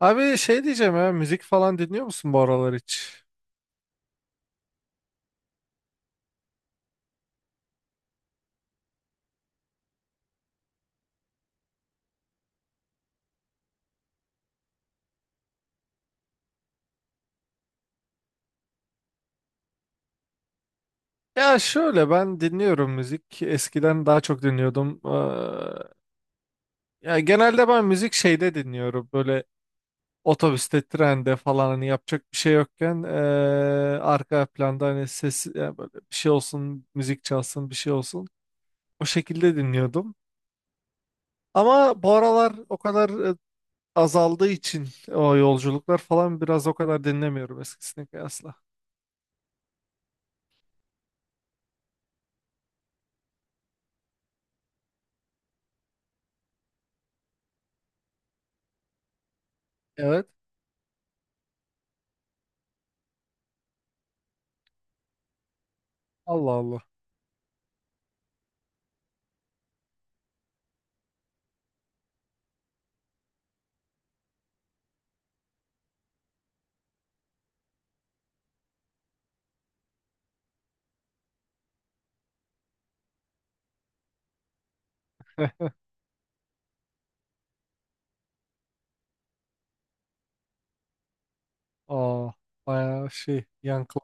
Abi şey diyeceğim ya, müzik falan dinliyor musun bu aralar hiç? Ya şöyle, ben dinliyorum müzik. Eskiden daha çok dinliyordum. Ya genelde ben müzik şeyde dinliyorum. Böyle otobüste, trende falan hani yapacak bir şey yokken arka planda hani ses ya böyle bir şey olsun, müzik çalsın, bir şey olsun. O şekilde dinliyordum. Ama bu aralar o kadar azaldığı için, o yolculuklar falan biraz, o kadar dinlemiyorum eskisine kıyasla. Evet. Allah Allah. Aa, bayağı şey, yankı.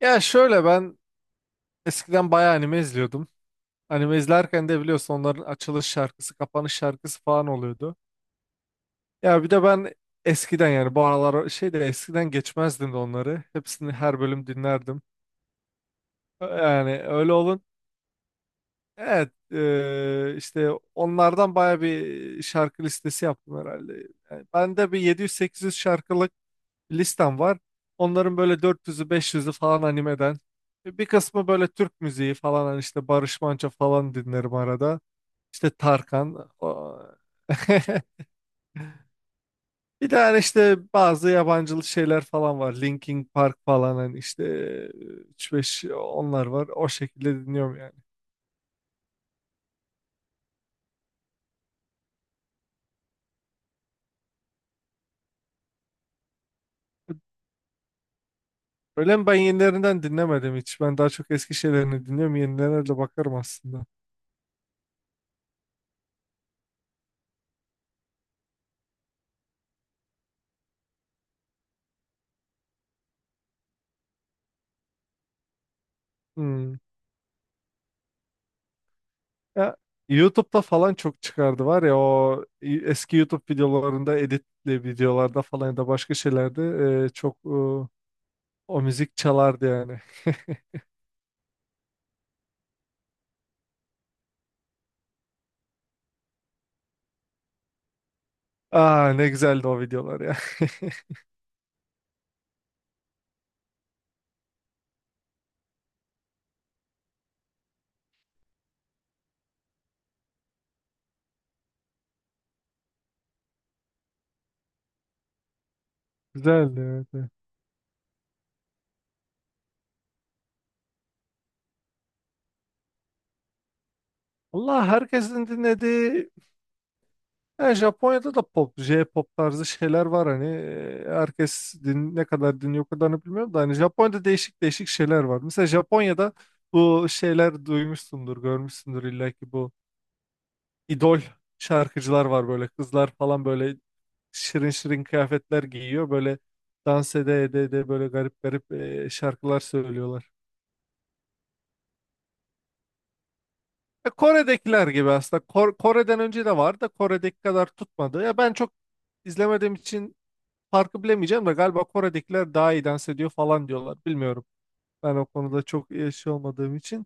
Ya şöyle, ben eskiden bayağı anime izliyordum. Anime izlerken de biliyorsun, onların açılış şarkısı, kapanış şarkısı falan oluyordu. Ya bir de ben eskiden, yani bu aralar şey de, eskiden geçmezdim de onları. Hepsini, her bölüm dinlerdim. Yani öyle olun. Evet, işte onlardan bayağı bir şarkı listesi yaptım herhalde. Yani ben de bir 700-800 şarkılık listem var. Onların böyle dört yüzü, beş yüzü falan animeden. Bir kısmı böyle Türk müziği falan, hani işte Barış Manço falan dinlerim arada. İşte Tarkan. O- Bir de hani işte bazı yabancılı şeyler falan var. Linkin Park falan, hani işte üç beş, onlar var. O şekilde dinliyorum yani. Öyle mi? Ben yenilerinden dinlemedim hiç. Ben daha çok eski şeylerini dinliyorum. Yenilerine de bakarım aslında. Hmm. Ya, YouTube'da falan çok çıkardı var ya, o eski YouTube videolarında, editli videolarda falan ya da başka şeylerde e, çok e, o müzik çalardı yani. Aa, ne güzeldi o videolar ya. Güzeldi, evet. Evet. Allah, herkesin dinlediği, yani Japonya'da da pop, J-pop tarzı şeyler var hani. Herkes din-, ne kadar dinliyor o kadarını bilmiyorum da, hani Japonya'da değişik değişik şeyler var. Mesela Japonya'da bu şeyler, duymuşsundur, görmüşsündür illa ki, bu idol şarkıcılar var, böyle kızlar falan, böyle şirin şirin kıyafetler giyiyor, böyle dans ede ede ede böyle garip garip şarkılar söylüyorlar. Kore'dekiler gibi aslında. Kore'den önce de var da, Kore'deki kadar tutmadı. Ya ben çok izlemediğim için farkı bilemeyeceğim de, galiba Kore'dekiler daha iyi dans ediyor falan diyorlar. Bilmiyorum. Ben o konuda çok iyi şey olmadığım için.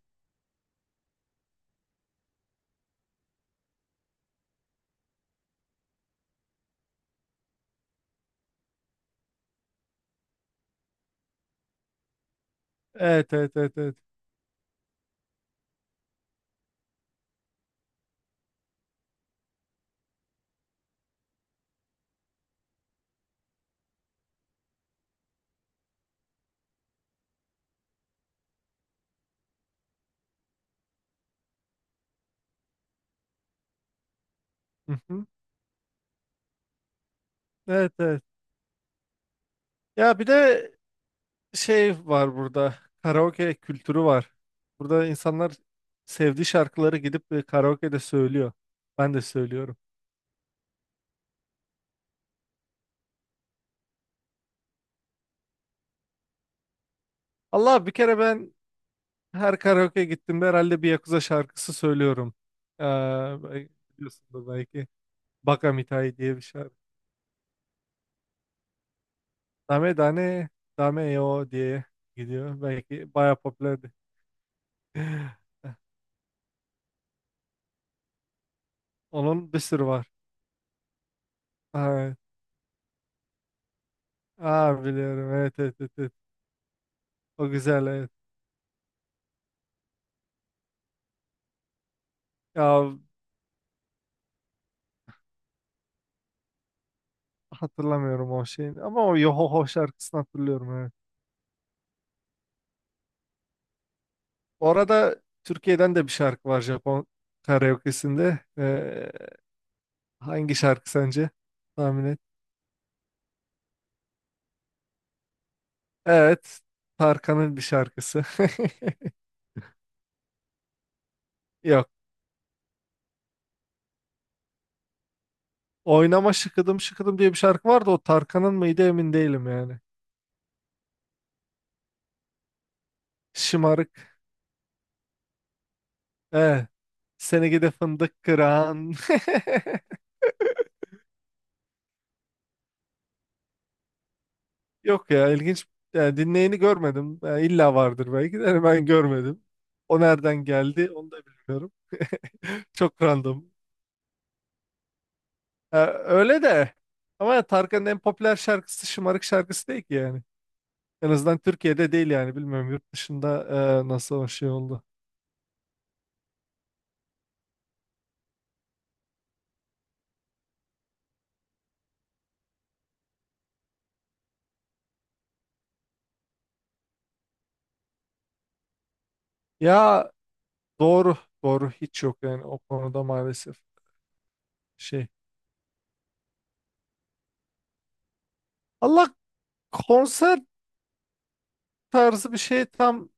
Evet, evet, evet, evet. Hı hı. Evet, evet. Ya bir de şey var burada. Karaoke kültürü var. Burada insanlar sevdiği şarkıları gidip karaoke'de söylüyor. Ben de söylüyorum. Allah, bir kere ben her karaoke gittiğimde herhalde bir Yakuza şarkısı söylüyorum. Ee, bel- Biliyorsundur belki. Baka Mitai diye bir şarkı. Dame dane dame yo diye gidiyor. Belki bayağı popülerdi. Onun bir sürü var. Evet. Aa, biliyorum. Evet, evet, evet, evet. O güzel, evet. Ya, hatırlamıyorum o şeyini ama o Yohoho şarkısını hatırlıyorum, evet. Orada, Türkiye'den de bir şarkı var Japon karaoke'sinde. Hangi şarkı sence? Tahmin et. Evet. Tarkan'ın bir şarkısı. Yok. Oynama şıkıdım şıkıdım diye bir şarkı vardı. O Tarkan'ın mıydı emin değilim yani. Şımarık. Evet. Seni gide fındık kıran. Yok ya, ilginç. Yani dinleyeni görmedim. Yani illa vardır belki de. Hani ben görmedim. O nereden geldi onu da bilmiyorum. Çok random. Öyle de. Ama Tarkan'ın en popüler şarkısı şımarık şarkısı değil ki yani. En azından Türkiye'de değil yani. Bilmiyorum, yurt dışında nasıl o şey oldu. Ya doğru. Doğru, hiç yok yani o konuda maalesef şey. Allah, konser tarzı bir şey tam,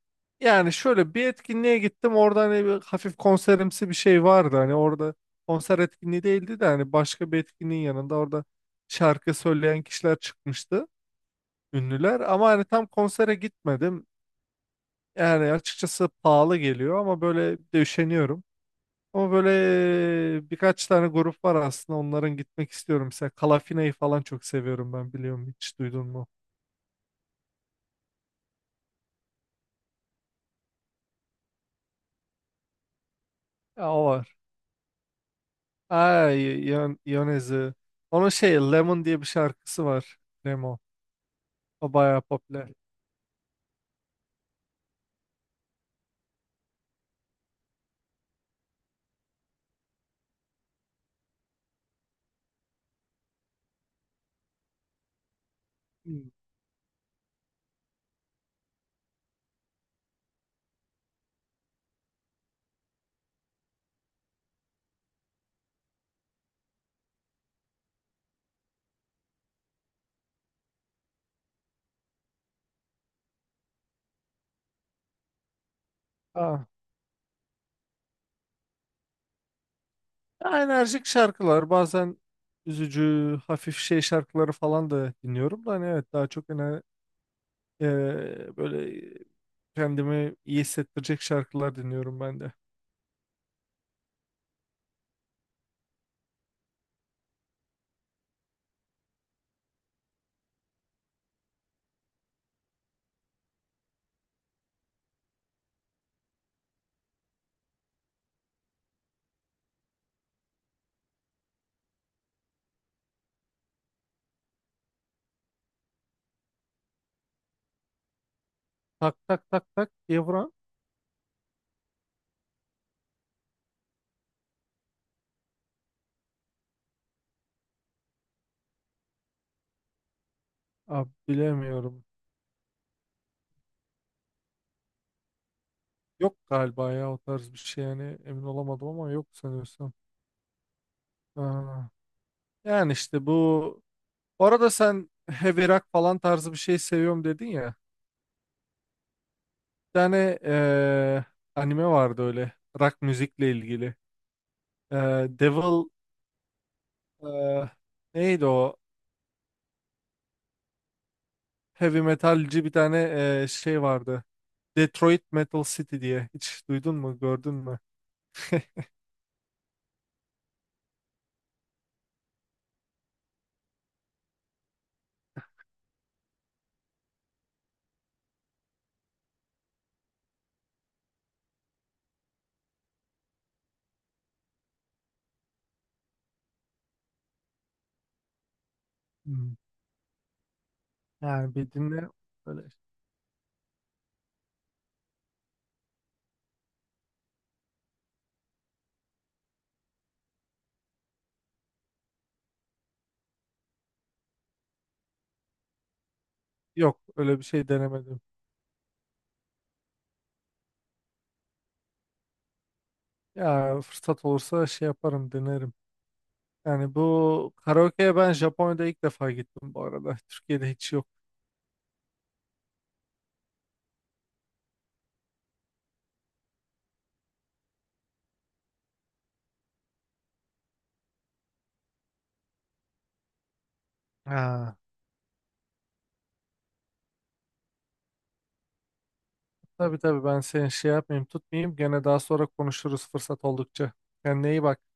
yani şöyle bir etkinliğe gittim orada, hani bir hafif konserimsi bir şey vardı, hani orada konser etkinliği değildi de, hani başka bir etkinliğin yanında orada şarkı söyleyen kişiler çıkmıştı. Ünlüler, ama hani tam konsere gitmedim. Yani açıkçası pahalı geliyor, ama böyle bir de üşeniyorum. Ama böyle birkaç tane grup var aslında, onların gitmek istiyorum. Mesela Kalafina'yı falan çok seviyorum ben, biliyorum hiç, duydun mu? Ya o var. Ay, Yon Yonezi. Onun şey, Lemon diye bir şarkısı var. Lemon. O bayağı popüler. Hmm. Aa. Ya enerjik şarkılar, bazen üzücü hafif şey şarkıları falan da dinliyorum da, hani evet daha çok böyle kendimi iyi hissettirecek şarkılar dinliyorum ben de. Tak tak tak tak Evren. Abi bilemiyorum. Yok galiba ya, o tarz bir şey yani emin olamadım, ama yok sanıyorsam. Aa, yani işte bu. Bu arada sen heavy rock falan tarzı bir şey seviyorum dedin ya. Bir tane anime vardı öyle, rock müzikle ilgili. Devil eee, neydi o? Heavy metalci bir tane şey vardı. Detroit Metal City diye. Hiç duydun mu, gördün mü? Hmm. Yani bir dinle öyle. Yok, öyle bir şey denemedim. Ya fırsat olursa şey yaparım, denerim. Yani bu karaoke'ye ben Japonya'da ilk defa gittim bu arada. Türkiye'de hiç yok. Ha. Tabii tabii, ben seni şey yapmayayım, tutmayayım. Gene daha sonra konuşuruz fırsat oldukça. Kendine iyi bak.